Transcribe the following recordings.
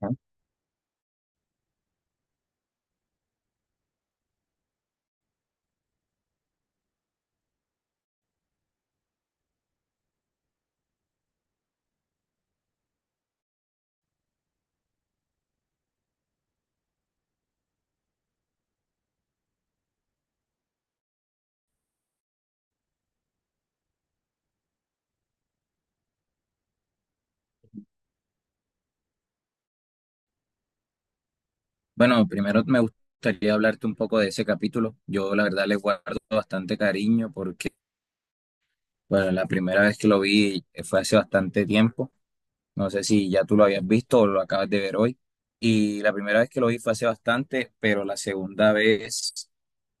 Ajá. Bueno, primero me gustaría hablarte un poco de ese capítulo. Yo la verdad le guardo bastante cariño porque bueno, la primera vez que lo vi fue hace bastante tiempo. No sé si ya tú lo habías visto o lo acabas de ver hoy. Y la primera vez que lo vi fue hace bastante, pero la segunda vez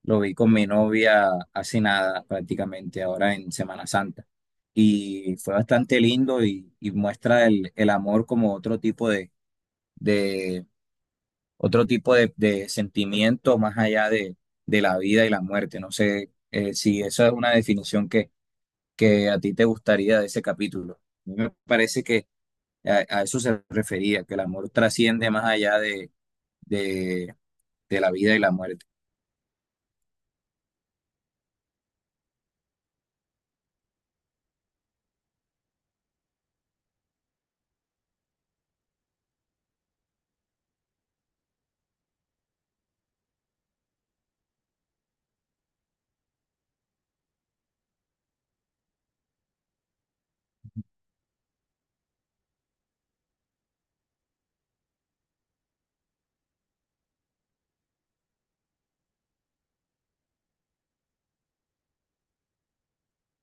lo vi con mi novia hace nada, prácticamente ahora en Semana Santa. Y fue bastante lindo y muestra el amor como otro tipo de sentimiento más allá de la vida y la muerte. No sé si esa es una definición que a ti te gustaría de ese capítulo. A mí me parece que a eso se refería, que el amor trasciende más allá de, de la vida y la muerte.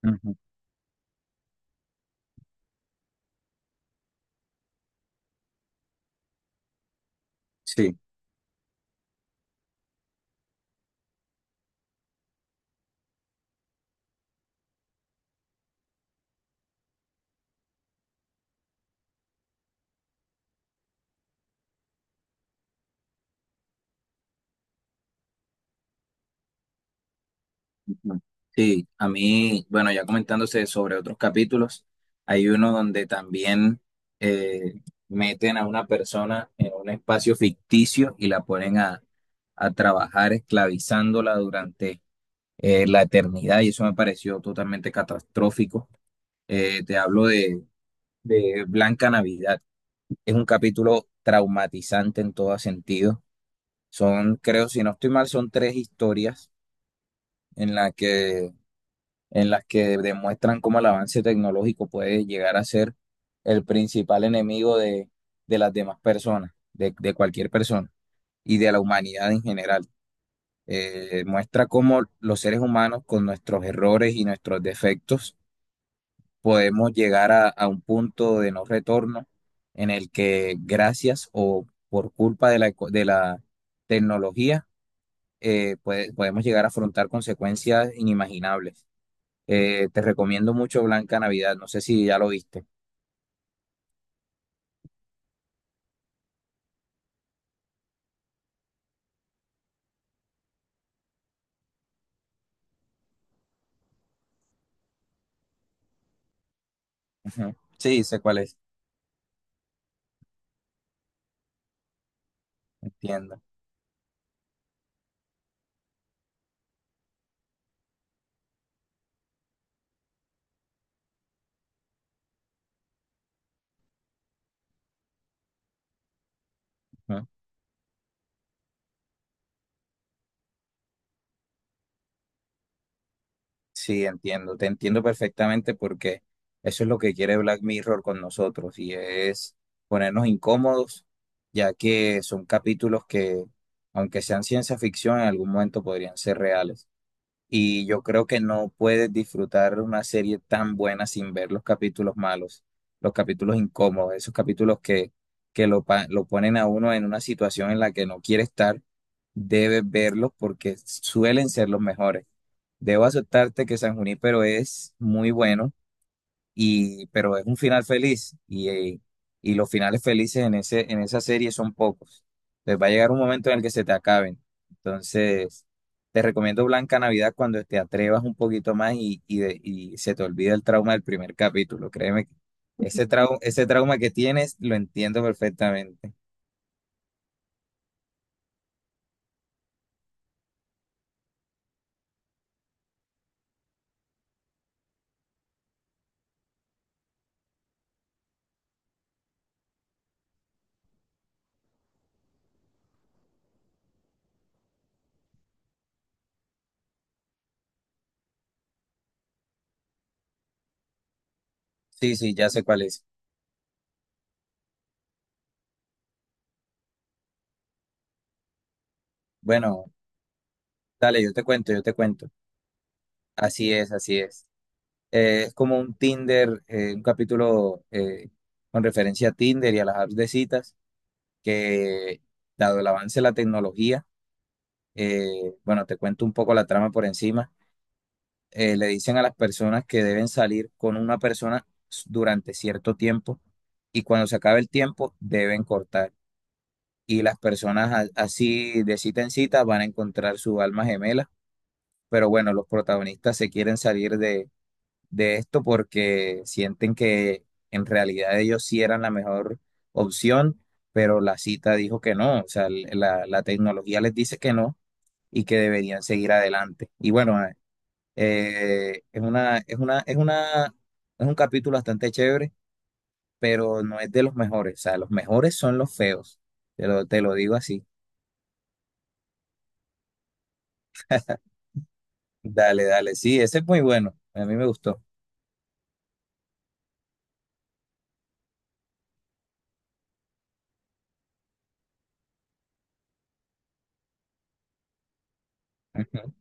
Ujú. Sí. Ujú. Sí, a mí, bueno, ya comentándose sobre otros capítulos, hay uno donde también eh, meten a una persona en un espacio ficticio y la ponen a trabajar esclavizándola durante la eternidad y eso me pareció totalmente catastrófico. Te hablo de Blanca Navidad. Es un capítulo traumatizante en todo sentido. Son, creo, si no estoy mal, son tres historias en las que en las que demuestran cómo el avance tecnológico puede llegar a ser el principal enemigo de las demás personas, de cualquier persona y de la humanidad en general. Muestra cómo los seres humanos con nuestros errores y nuestros defectos podemos llegar a un punto de no retorno en el que gracias o por culpa de la, de la tecnología podemos llegar a afrontar consecuencias inimaginables. Te recomiendo mucho Blanca Navidad. No sé si ya lo viste. Ujú. Sí, sé cuál es. Entiendo. Ujú. Sí, entiendo. Te entiendo perfectamente porque eso es lo que quiere Black Mirror con nosotros y es ponernos incómodos, ya que son capítulos que, aunque sean ciencia ficción, en algún momento podrían ser reales. Y yo creo que no puedes disfrutar una serie tan buena sin ver los capítulos malos, los capítulos incómodos, esos capítulos que, lo ponen a uno en una situación en la que no quiere estar, debes verlos porque suelen ser los mejores. Debo aceptarte que San Junípero es muy bueno y, pero es un final feliz y los finales felices en ese, en esa serie son pocos. Entonces va a llegar un momento en el que se te acaben. Entonces, te recomiendo Blanca Navidad cuando te atrevas un poquito más y y se te olvida el trauma del primer capítulo. Créeme, que ese ese trauma que tienes lo entiendo perfectamente. Sí, sí, ya sé cuál es. Bueno, dale, yo te cuento, yo te cuento. Así es, así es. Es como un Tinder, un capítulo con referencia a Tinder y a las apps de citas, que dado el avance de la tecnología, eh, bueno, te cuento un poco la trama por encima, le dicen a las personas que deben salir con una persona durante cierto tiempo y cuando se acabe el tiempo deben cortar. Y las personas así de cita en cita van a encontrar su alma gemela, pero bueno, los protagonistas se quieren salir de esto porque sienten que en realidad ellos sí eran la mejor opción, pero la cita dijo que no, o sea, la tecnología les dice que no y que deberían seguir adelante. Y bueno, ah, eh, es una, es una, es una, es un capítulo bastante chévere, pero no es de los mejores, o sea, los mejores son los feos, te lo digo así. Dale, dale, sí, ese es muy bueno, a mí me gustó. Ujú,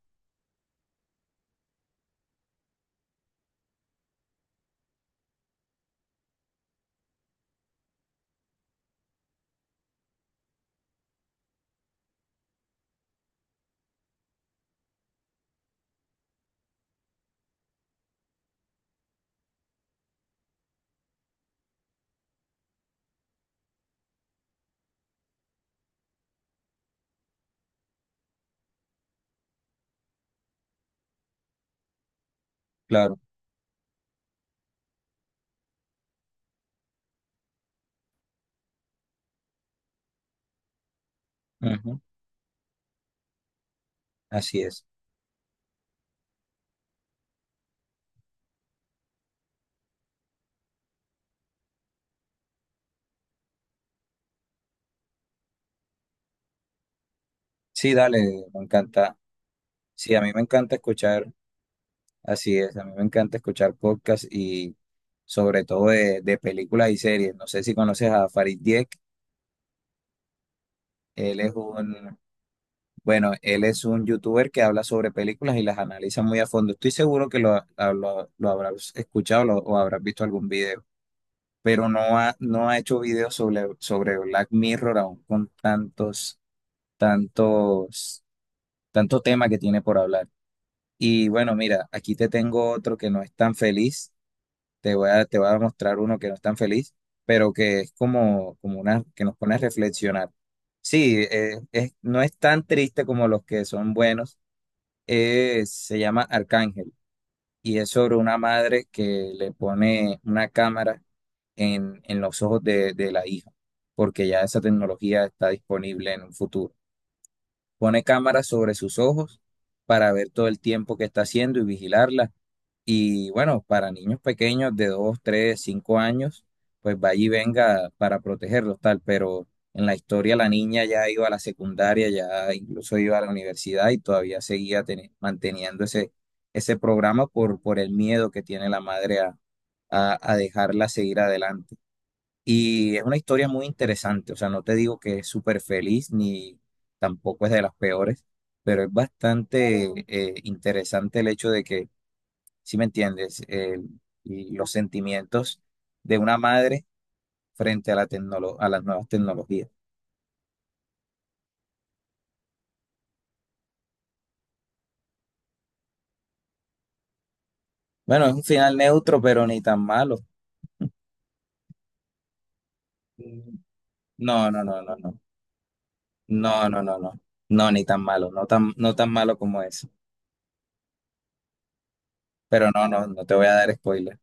claro, ujú, así es. Sí, dale, me encanta. Sí, a mí me encanta escuchar, así es, a mí me encanta escuchar podcasts y sobre todo de películas y series. No sé si conoces a Farid Dieck, él es un, bueno, él es un youtuber que habla sobre películas y las analiza muy a fondo. Estoy seguro que lo, lo habrás escuchado o habrás visto algún video, pero no ha hecho videos sobre, sobre Black Mirror aún con tantos, tantos, tanto tema que tiene por hablar. Y bueno, mira, aquí te tengo otro que no es tan feliz, te voy a mostrar uno que no es tan feliz, pero que es como, como una, que nos pone a reflexionar. Sí, es, no es tan triste como los que son buenos. Se llama Arcángel y es sobre una madre que le pone una cámara en los ojos de la hija, porque ya esa tecnología está disponible en un futuro. Pone cámaras sobre sus ojos para ver todo el tiempo que está haciendo y vigilarla y bueno, para niños pequeños de 2 3 5 años, pues vaya y venga para protegerlos, tal. Pero en la historia la niña ya iba a la secundaria, ya incluso iba a la universidad y todavía seguía manteniendo ese, ese programa por el miedo que tiene la madre a dejarla seguir adelante. Y es una historia muy interesante, o sea, no te digo que es súper feliz ni tampoco es de las peores, pero es bastante interesante el hecho de que, ¿si me entiendes? Y los sentimientos de una madre frente a la a las nuevas tecnologías. Bueno, es un final neutro, pero ni tan malo. No, no, no, no, no. No, no, no, no. No, ni tan malo, no tan, no tan malo como eso. Pero no, no, no te voy a dar spoiler.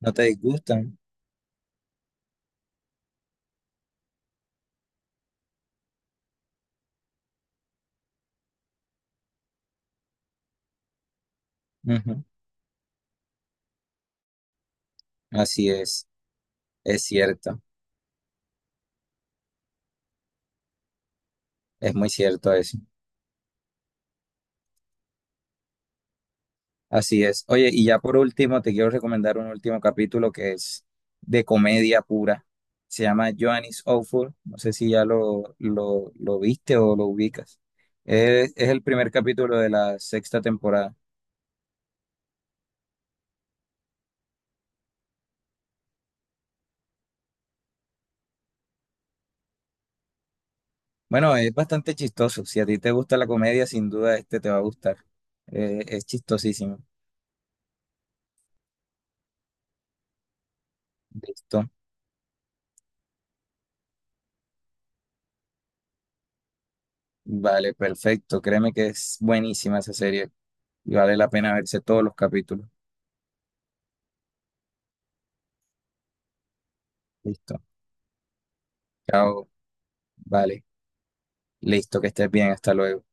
No te disgustan. Ujú. Así es cierto, es muy cierto eso. Así es. Oye, y ya por último, te quiero recomendar un último capítulo que es de comedia pura. Se llama Johannes Awful. No sé si ya lo viste o lo ubicas. Es el primer capítulo de la sexta temporada. Bueno, es bastante chistoso. Si a ti te gusta la comedia, sin duda este te va a gustar. Es chistosísimo. Listo. Vale, perfecto. Créeme que es buenísima esa serie y vale la pena verse todos los capítulos. Listo. Chao. Vale. Listo, que estés bien. Hasta luego.